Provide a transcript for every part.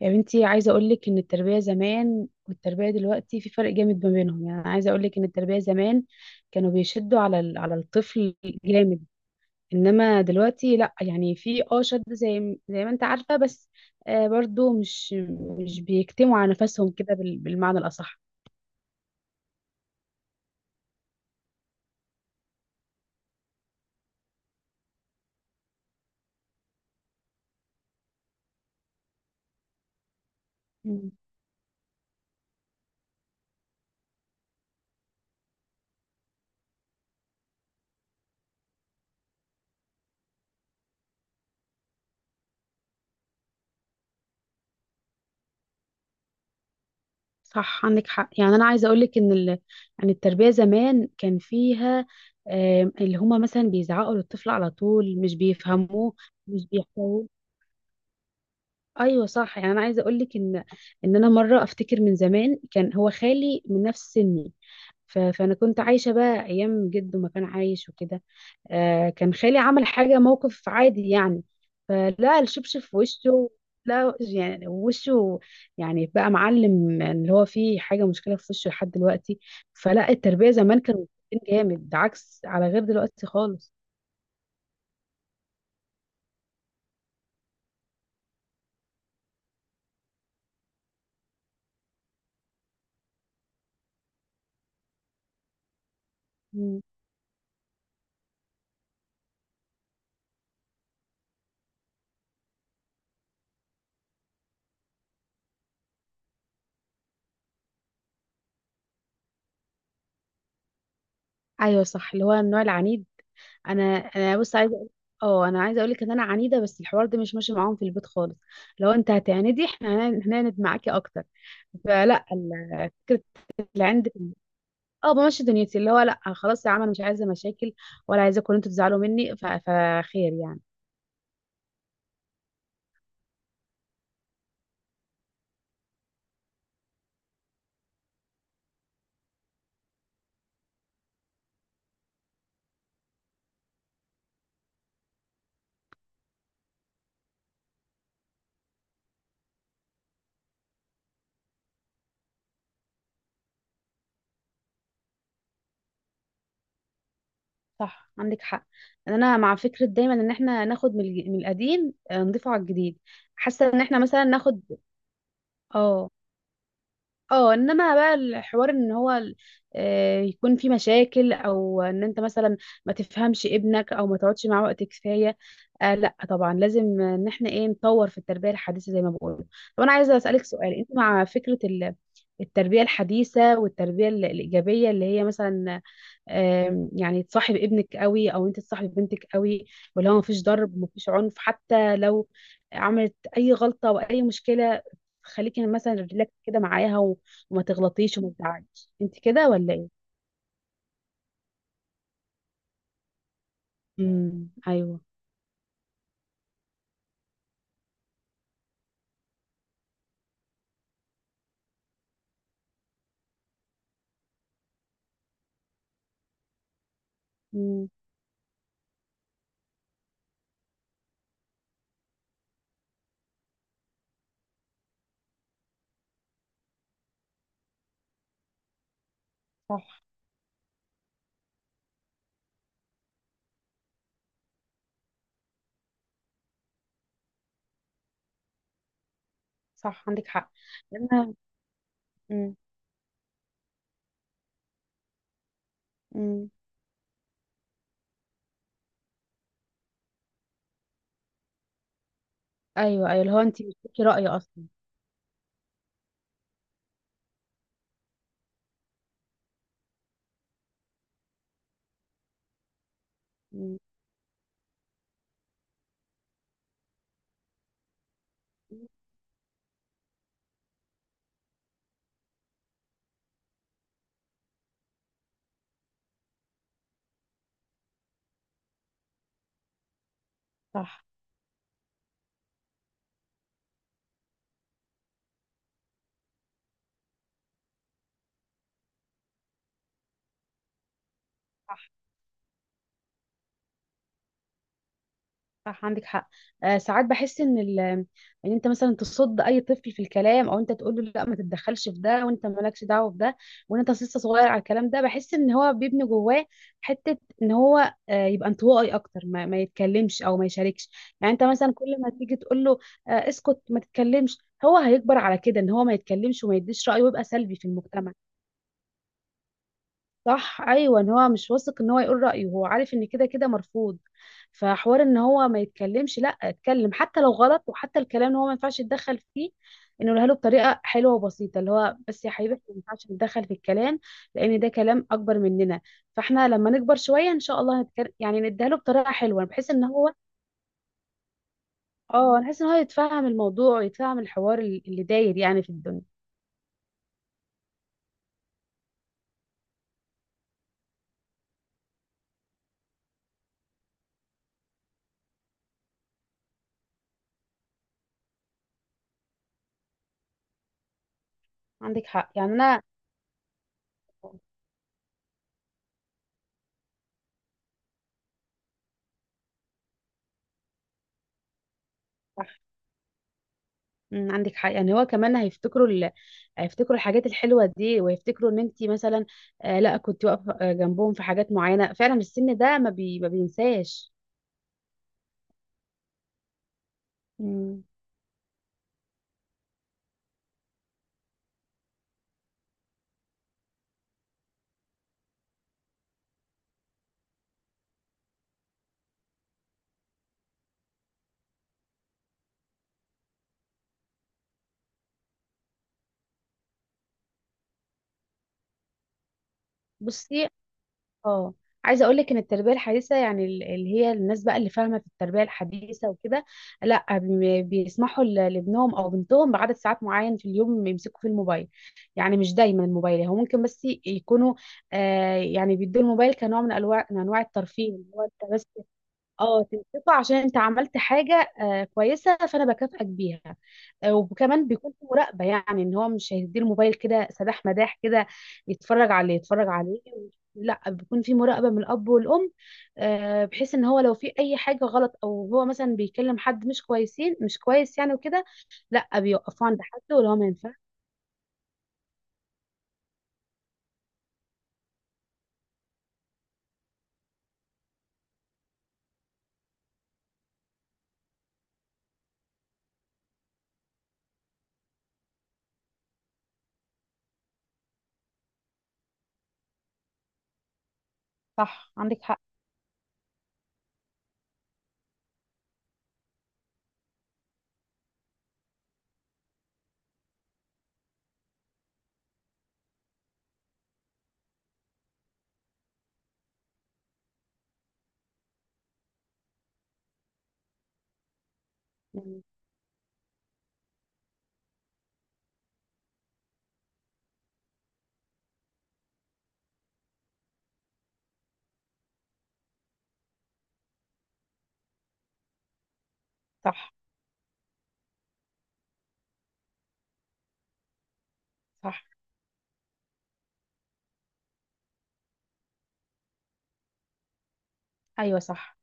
يا بنتي، عايزة أقولك إن التربية زمان والتربية دلوقتي في فرق جامد ما بينهم. يعني عايزة أقولك إن التربية زمان كانوا بيشدوا على الطفل جامد. إنما دلوقتي لأ، يعني في شد زي ما أنت عارفة، بس آه برضو مش بيكتموا على نفسهم كده بالمعنى الأصح. مم. صح، عندك حق. يعني أنا عايزة أقولك إن يعني التربية زمان كان فيها اللي هما مثلا بيزعقوا للطفل على طول، مش بيفهموه، مش بيحتووه. ايوه صح، يعني انا عايزه اقول لك ان انا مره افتكر من زمان كان هو خالي من نفس سني. ف... فانا كنت عايشه بقى ايام جده ما كان عايش وكده. آه كان خالي عمل حاجه، موقف عادي يعني، فلا الشبشب في وشه. لا يعني وشه، يعني بقى معلم اللي هو فيه حاجه، مشكله في وشه لحد دلوقتي. فلا التربيه زمان كانوا متربيين جامد، ده عكس، على غير دلوقتي خالص. مم. ايوه صح، اللي هو النوع العنيد. انا انا بص عايزه اه انا عايزه اقول لك ان انا عنيده، بس الحوار ده مش ماشي معاهم في البيت خالص. لو انت هتعندي احنا هنعند معاكي اكتر. فلا ال- فكره اللي عندك. اه بمشي دنيتي، اللي هو لا خلاص يا عم، انا مش عايزه مشاكل ولا عايزاكم إن انتوا تزعلوا مني. فخير يعني. صح عندك حق. انا مع فكره دايما ان احنا ناخد من من القديم، نضيفه على الجديد. حاسه ان احنا مثلا ناخد. اه اه انما بقى الحوار ان هو يكون في مشاكل، او ان انت مثلا ما تفهمش ابنك او ما تقعدش معاه وقت كفايه. آه لا، طبعا لازم ان احنا ايه، نطور في التربيه الحديثه زي ما بقول. طب انا عايزه اسالك سؤال، انت مع فكره التربيه الحديثه والتربيه الايجابيه، اللي هي مثلا يعني تصاحب ابنك قوي او انت تصاحب بنتك قوي، واللي هو مفيش ضرب مفيش عنف حتى لو عملت اي غلطة او اي مشكلة، خليكي مثلا ريلاكس كده معاها، وما تغلطيش وما تزعليش انت، كده ولا ايه؟ امم، ايوه. امم. صح. صح عندك حق. لان، امم. امم. ايوه، ايوه، اللي هو انت مش ليكي رأي اصلا. امم. صح. صح. صح عندك حق. آه ساعات بحس ان ان انت مثلا تصد اي طفل في الكلام، او انت تقول له لا ما تتدخلش في ده وانت مالكش دعوه بده، وان انت لسه صغير على الكلام ده. بحس ان هو بيبني جواه حته ان هو آه يبقى انطوائي اكتر، ما يتكلمش او ما يشاركش. يعني انت مثلا كل ما تيجي تقول له آه اسكت ما تتكلمش، هو هيكبر على كده ان هو ما يتكلمش وما يديش رايه ويبقى سلبي في المجتمع. صح، ايوه ان هو مش واثق ان هو يقول رايه، هو عارف ان كده كده مرفوض. فحوار ان هو ما يتكلمش، لا اتكلم حتى لو غلط، وحتى الكلام ان هو ما ينفعش يتدخل فيه، انه يقولها له بطريقه حلوه وبسيطه، اللي هو بس يا حبيبي احنا ما ينفعش نتدخل في الكلام لان ده كلام اكبر مننا، فاحنا لما نكبر شويه ان شاء الله هنتكلم. يعني نديها له بطريقه حلوه بحيث ان هو، اه بحيث ان هو يتفهم الموضوع ويتفهم الحوار اللي داير يعني في الدنيا. عندك حق يعني انا. صح. عندك حق. يعني هو كمان هيفتكروا هيفتكروا الحاجات الحلوه دي ويفتكروا ان انت مثلا آه لا كنت واقفه، جنبهم في حاجات معينه. فعلا السن ده ما بينساش. مم. بصي. اه عايزه اقول لك ان التربيه الحديثه يعني اللي هي الناس بقى اللي فاهمه في التربيه الحديثه وكده، لا بيسمحوا لابنهم او بنتهم بعدد ساعات معين في اليوم يمسكوا فيه الموبايل. يعني مش دايما الموبايل، هو ممكن بس يكونوا آه يعني بيدوا الموبايل كنوع من انواع الترفيه، اللي هو انت بس اه تنصفه عشان انت عملت حاجه آه كويسه فانا بكافئك بيها. آه وكمان بيكون في مراقبه، يعني ان هو مش هيدي الموبايل كده سداح مداح كده يتفرج عليه. لا بيكون في مراقبه من الاب والام، آه بحيث ان هو لو في اي حاجه غلط، او هو مثلا بيكلم حد مش كويسين، مش كويس يعني وكده، لا بيوقفوه عند حد ولو ما ينفعش. صح عندك حق يعني. صح. صح. ايوه صح.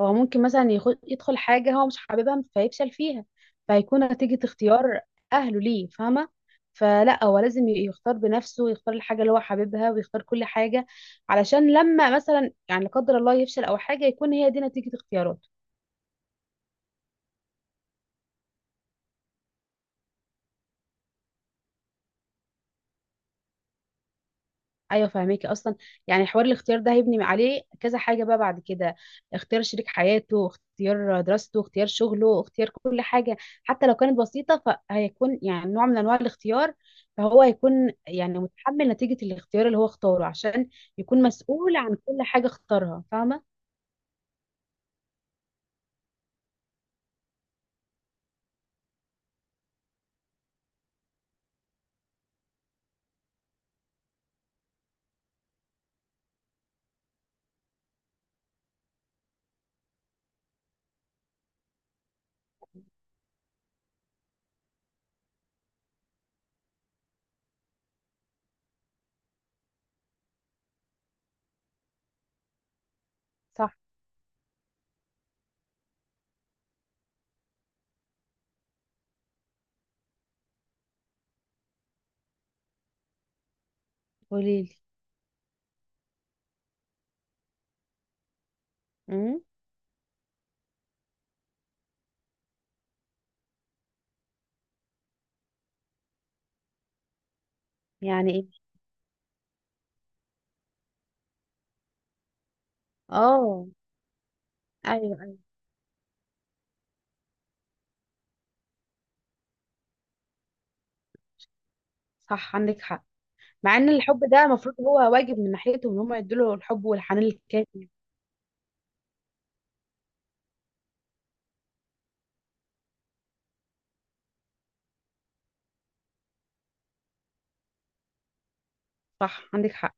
هو ممكن مثلا يدخل حاجة هو مش حاببها فيفشل فيها، فهيكون نتيجة اختيار أهله ليه فاهمة. فلا هو لازم يختار بنفسه ويختار الحاجة اللي هو حاببها ويختار كل حاجة، علشان لما مثلا يعني لا قدر الله يفشل أو حاجة يكون هي دي نتيجة اختياراته. ايوه فاهماكي اصلا. يعني حوار الاختيار ده هيبني عليه كذا حاجه بقى بعد كده، اختيار شريك حياته، اختيار دراسته، اختيار شغله، اختيار كل حاجه حتى لو كانت بسيطه. فهيكون يعني نوع من انواع الاختيار، فهو هيكون يعني متحمل نتيجه الاختيار اللي هو اختاره، عشان يكون مسؤول عن كل حاجه اختارها، فاهمه. صح. قوليلي. امم. يعني ايه؟ اه. ايوه، ايوه. صح عندك حق. مع ان الحب ده المفروض هو واجب من ناحيته، ان هم يدوا له الحب والحنان الكافي. صح عندك حق.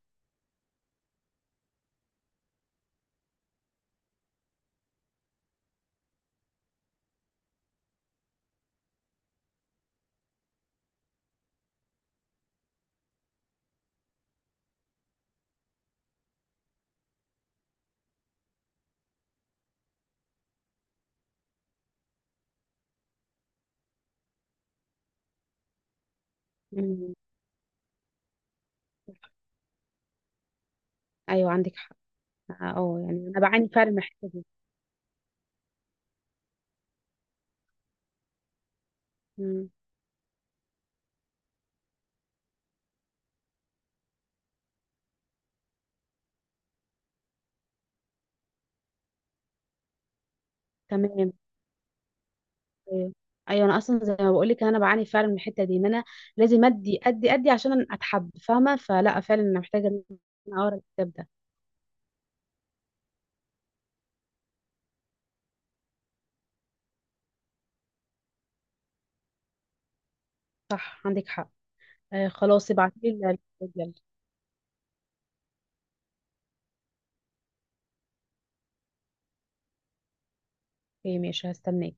مم. ايوه عندك حق. اه يعني انا بعاني فعلا من الحته دي. مم. تمام. ايوه. أيوة، انا اصلا زي ما بقول لك انا بعاني فعلا من الحته دي، ان انا لازم ادي عشان اتحب، فاهمه؟ فلا فعلا انا محتاجه ان انا اقرا الكتاب ده. صح عندك حق. آه خلاص ابعتي لي الكتاب يلا. اوكي ماشي، هستناك.